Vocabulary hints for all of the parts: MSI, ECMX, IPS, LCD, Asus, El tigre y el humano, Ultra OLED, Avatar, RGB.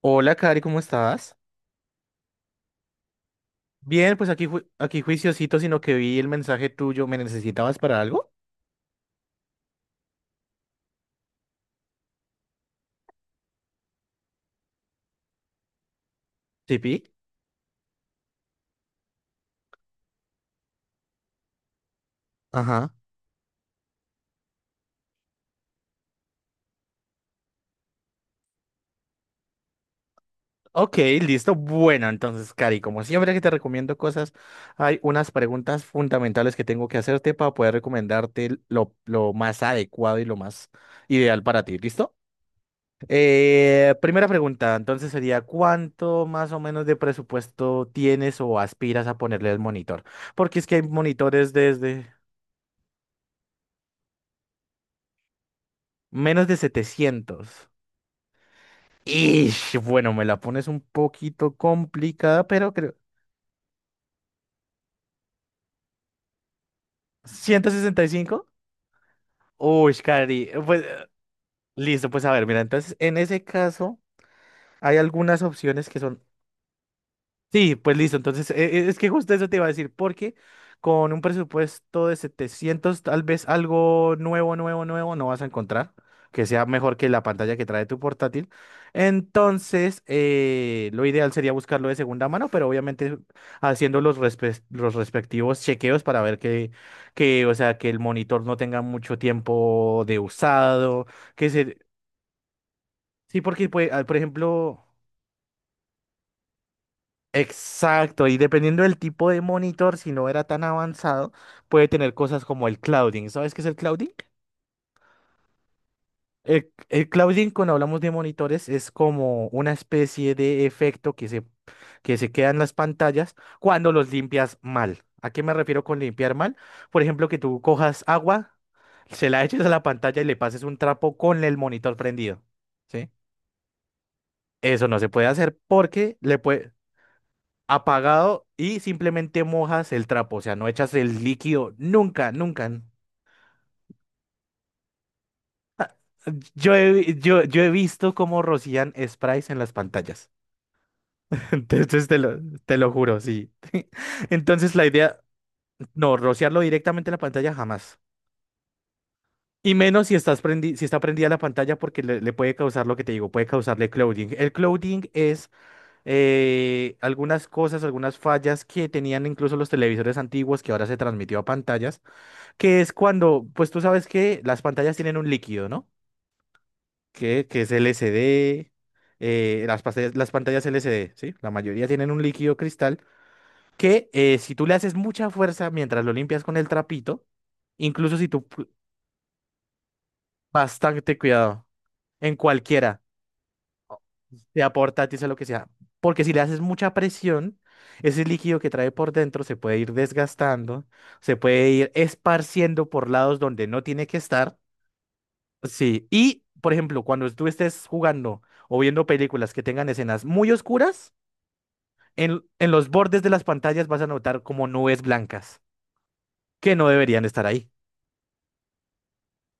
Hola, Cari, ¿cómo estás? Bien, pues aquí, aquí juiciosito, sino que vi el mensaje tuyo. ¿Me necesitabas para algo? Sí, pi. Ajá. Ok, listo. Bueno, entonces, Cari, como siempre que te recomiendo cosas, hay unas preguntas fundamentales que tengo que hacerte para poder recomendarte lo más adecuado y lo más ideal para ti. ¿Listo? Primera pregunta, entonces sería, ¿cuánto más o menos de presupuesto tienes o aspiras a ponerle al monitor? Porque es que hay monitores desde menos de 700. Ish, bueno, me la pones un poquito complicada, pero creo. ¿165? Uy, Cari. Pues, listo, pues a ver, mira, entonces en ese caso hay algunas opciones que son sí, pues listo. Entonces, es que justo eso te iba a decir, porque con un presupuesto de 700, tal vez algo nuevo, nuevo, nuevo no vas a encontrar que sea mejor que la pantalla que trae tu portátil. Entonces, lo ideal sería buscarlo de segunda mano, pero obviamente haciendo los respectivos chequeos para ver que, o sea, que el monitor no tenga mucho tiempo de usado, que se... Sí, porque, pues, por ejemplo... Exacto, y dependiendo del tipo de monitor, si no era tan avanzado, puede tener cosas como el clouding. ¿Sabes qué es el clouding? El clouding, cuando hablamos de monitores, es como una especie de efecto que se queda en las pantallas cuando los limpias mal. ¿A qué me refiero con limpiar mal? Por ejemplo, que tú cojas agua, se la eches a la pantalla y le pases un trapo con el monitor prendido, ¿sí? Eso no se puede hacer porque le puede, apagado y simplemente mojas el trapo, o sea, no echas el líquido nunca, nunca. Yo he visto cómo rocían sprays en las pantallas. Entonces te lo juro, sí. Entonces la idea, no, rociarlo directamente en la pantalla jamás. Y menos si está prendida la pantalla porque le puede causar lo que te digo, puede causarle clouding. El clouding es algunas cosas, algunas fallas que tenían incluso los televisores antiguos que ahora se transmitió a pantallas, que es cuando, pues tú sabes que las pantallas tienen un líquido, ¿no? Que es LCD, las pantallas LCD, ¿sí? La mayoría tienen un líquido cristal que si tú le haces mucha fuerza mientras lo limpias con el trapito, incluso si tú pu- bastante cuidado en cualquiera, sea portátil, sea lo que sea, porque si le haces mucha presión, ese líquido que trae por dentro se puede ir desgastando, se puede ir esparciendo por lados donde no tiene que estar. Sí, y por ejemplo, cuando tú estés jugando o viendo películas que tengan escenas muy oscuras, en los bordes de las pantallas vas a notar como nubes blancas que no deberían estar ahí.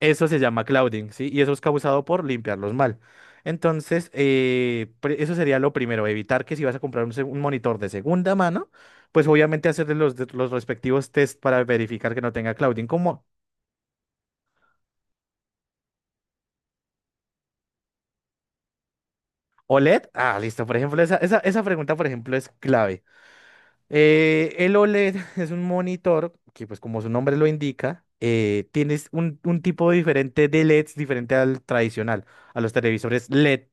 Eso se llama clouding, ¿sí? Y eso es causado por limpiarlos mal. Entonces, eso sería lo primero, evitar que si vas a comprar un monitor de segunda mano, pues obviamente hacerle los respectivos test para verificar que no tenga clouding, como OLED. Ah, listo, por ejemplo, esa pregunta, por ejemplo, es clave. El OLED es un monitor que, pues como su nombre lo indica, tienes un, tipo diferente de LEDs diferente al tradicional, a los televisores LED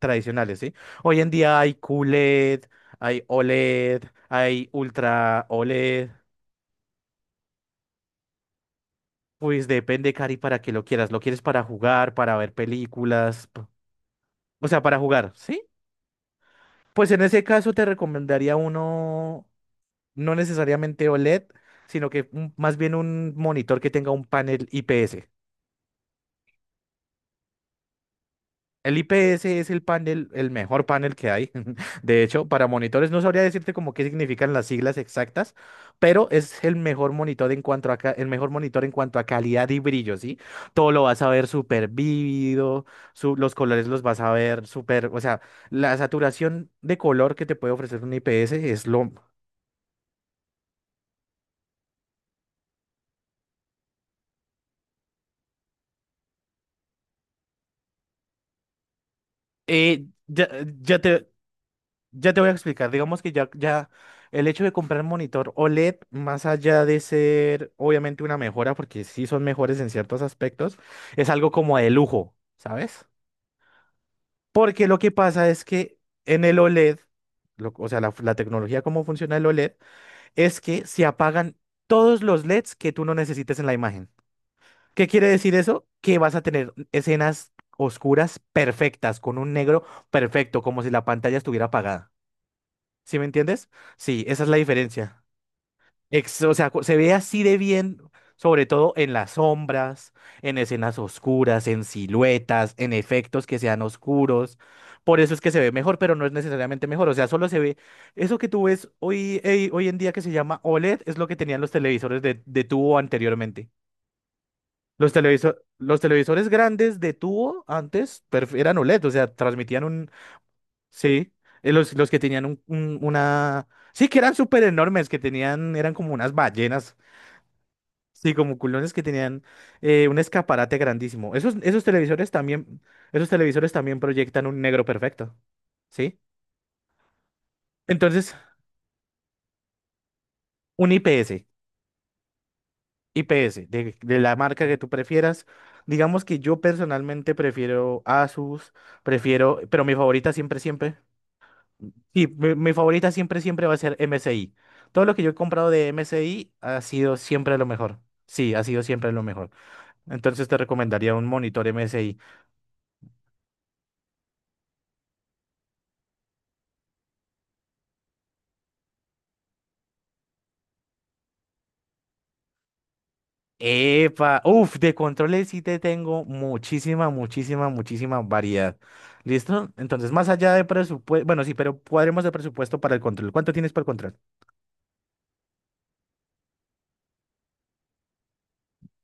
tradicionales, ¿sí? Hoy en día hay QLED, hay OLED, hay Ultra OLED, pues depende, Cari, para que lo quieras. ¿Lo quieres para jugar, para ver películas? O sea, para jugar, ¿sí? Pues en ese caso te recomendaría uno no necesariamente OLED, sino que más bien un monitor que tenga un panel IPS. El IPS es el panel, el mejor panel que hay. De hecho, para monitores no sabría decirte como qué significan las siglas exactas, pero es el mejor monitor en cuanto a ca- el mejor monitor en cuanto a calidad y brillo, ¿sí? Todo lo vas a ver súper vívido, los colores los vas a ver súper, o sea, la saturación de color que te puede ofrecer un IPS es lo eh, ya, ya te, ya te voy a explicar. Digamos que ya el hecho de comprar monitor OLED, más allá de ser obviamente una mejora, porque sí son mejores en ciertos aspectos, es algo como de lujo, ¿sabes? Porque lo que pasa es que en el OLED, o sea, la tecnología cómo funciona el OLED, es que se apagan todos los LEDs que tú no necesites en la imagen. ¿Qué quiere decir eso? Que vas a tener escenas oscuras perfectas, con un negro perfecto, como si la pantalla estuviera apagada. ¿Sí me entiendes? Sí, esa es la diferencia. O sea, se ve así de bien, sobre todo en las sombras, en escenas oscuras, en siluetas, en efectos que sean oscuros. Por eso es que se ve mejor, pero no es necesariamente mejor. O sea, solo se ve. Eso que tú ves hoy, hoy en día que se llama OLED es lo que tenían los televisores de tubo anteriormente. Los televisores grandes de tubo antes eran OLED, o sea, transmitían sí, los que tenían una... Sí, que eran súper enormes, que tenían, eran como unas ballenas, sí, como culones que tenían un escaparate grandísimo. Esos televisores también proyectan un negro perfecto, ¿sí? Entonces, un IPS, IPS, de la marca que tú prefieras. Digamos que yo personalmente prefiero Asus, prefiero, pero mi favorita siempre, siempre. Sí, mi favorita siempre, siempre va a ser MSI. Todo lo que yo he comprado de MSI ha sido siempre lo mejor. Sí, ha sido siempre lo mejor. Entonces te recomendaría un monitor MSI. ¡Epa! Uf, de controles sí te tengo muchísima, muchísima, muchísima variedad. ¿Listo? Entonces, más allá de presupuesto, bueno, sí, pero cuadremos el presupuesto para el control. ¿Cuánto tienes para el control?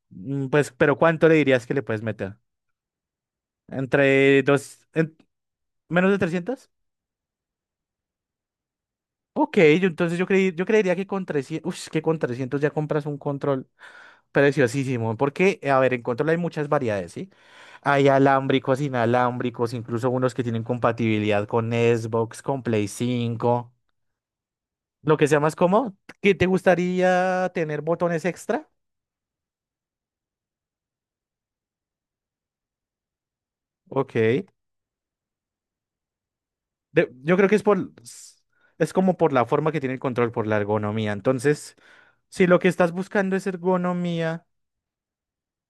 Pues, pero ¿cuánto le dirías que le puedes meter? ¿Entre dos, en- Menos de 300? Ok, entonces yo creería que con 300 uff, que con 300 ya compras un control preciosísimo, porque, a ver, en control hay muchas variedades, ¿sí? Hay alámbricos, inalámbricos, incluso unos que tienen compatibilidad con Xbox, con Play 5, lo que sea más cómodo. ¿Qué te gustaría tener botones extra? Ok. Yo creo que es es como por la forma que tiene el control, por la ergonomía. Entonces, si lo que estás buscando es ergonomía...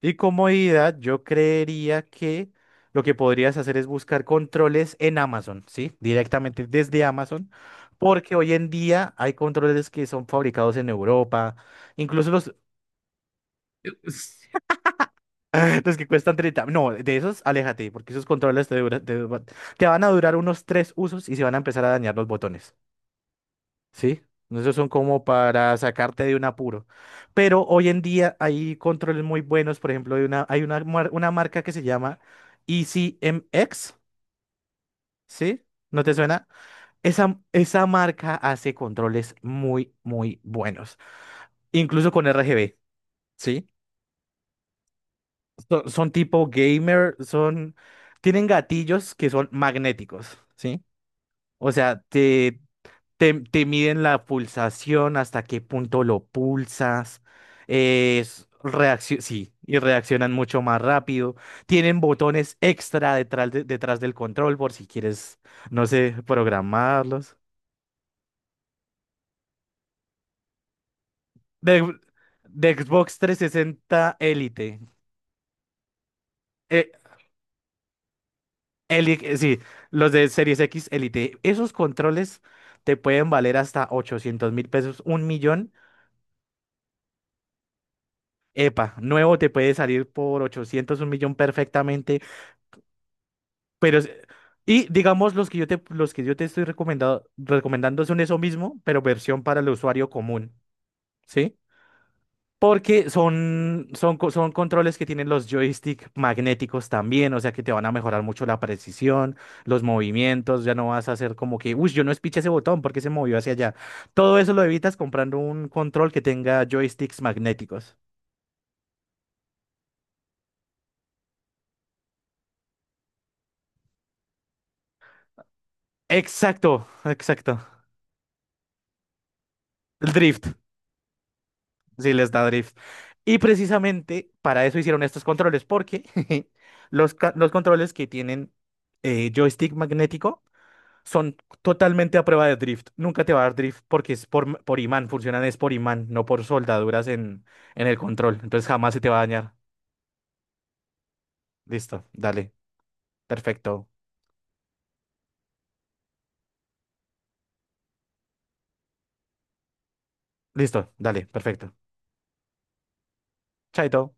Y comodidad, yo creería que lo que podrías hacer es buscar controles en Amazon, ¿sí? Directamente desde Amazon, porque hoy en día hay controles que son fabricados en Europa, incluso los que cuestan 30. No, de esos, aléjate, porque esos controles te van a durar unos tres usos y se van a empezar a dañar los botones. Sí, esos son como para sacarte de un apuro. Pero hoy en día hay controles muy buenos, por ejemplo, hay una marca que se llama ECMX, ¿sí? ¿No te suena? Esa marca hace controles muy, muy buenos, incluso con RGB, ¿sí? Son tipo gamer, tienen gatillos que son magnéticos, ¿sí? O sea, te miden la pulsación, hasta qué punto lo pulsas, sí, y reaccionan mucho más rápido. Tienen botones extra detrás, detrás del control por si quieres, no sé, programarlos. De, de Xbox 360 Elite. eh, sí, los de Series X Elite. Esos controles te pueden valer hasta 800.000 pesos, un millón. Epa, nuevo te puede salir por 800 un millón perfectamente. Pero, y digamos, los que yo te estoy recomendando son eso mismo, pero versión para el usuario común, ¿sí? Porque son controles que tienen los joystick magnéticos también, o sea que te van a mejorar mucho la precisión, los movimientos, ya no vas a hacer como que, uy, yo no espiché ese botón porque se movió hacia allá. Todo eso lo evitas comprando un control que tenga joysticks magnéticos. Exacto, exacto. El drift. Sí, les da drift. Y precisamente para eso hicieron estos controles, porque los controles que tienen joystick magnético son totalmente a prueba de drift. Nunca te va a dar drift porque por imán, funcionan es por imán, no por soldaduras en el control. Entonces jamás se te va a dañar. Listo, dale, perfecto. Listo, dale, perfecto. Chaito.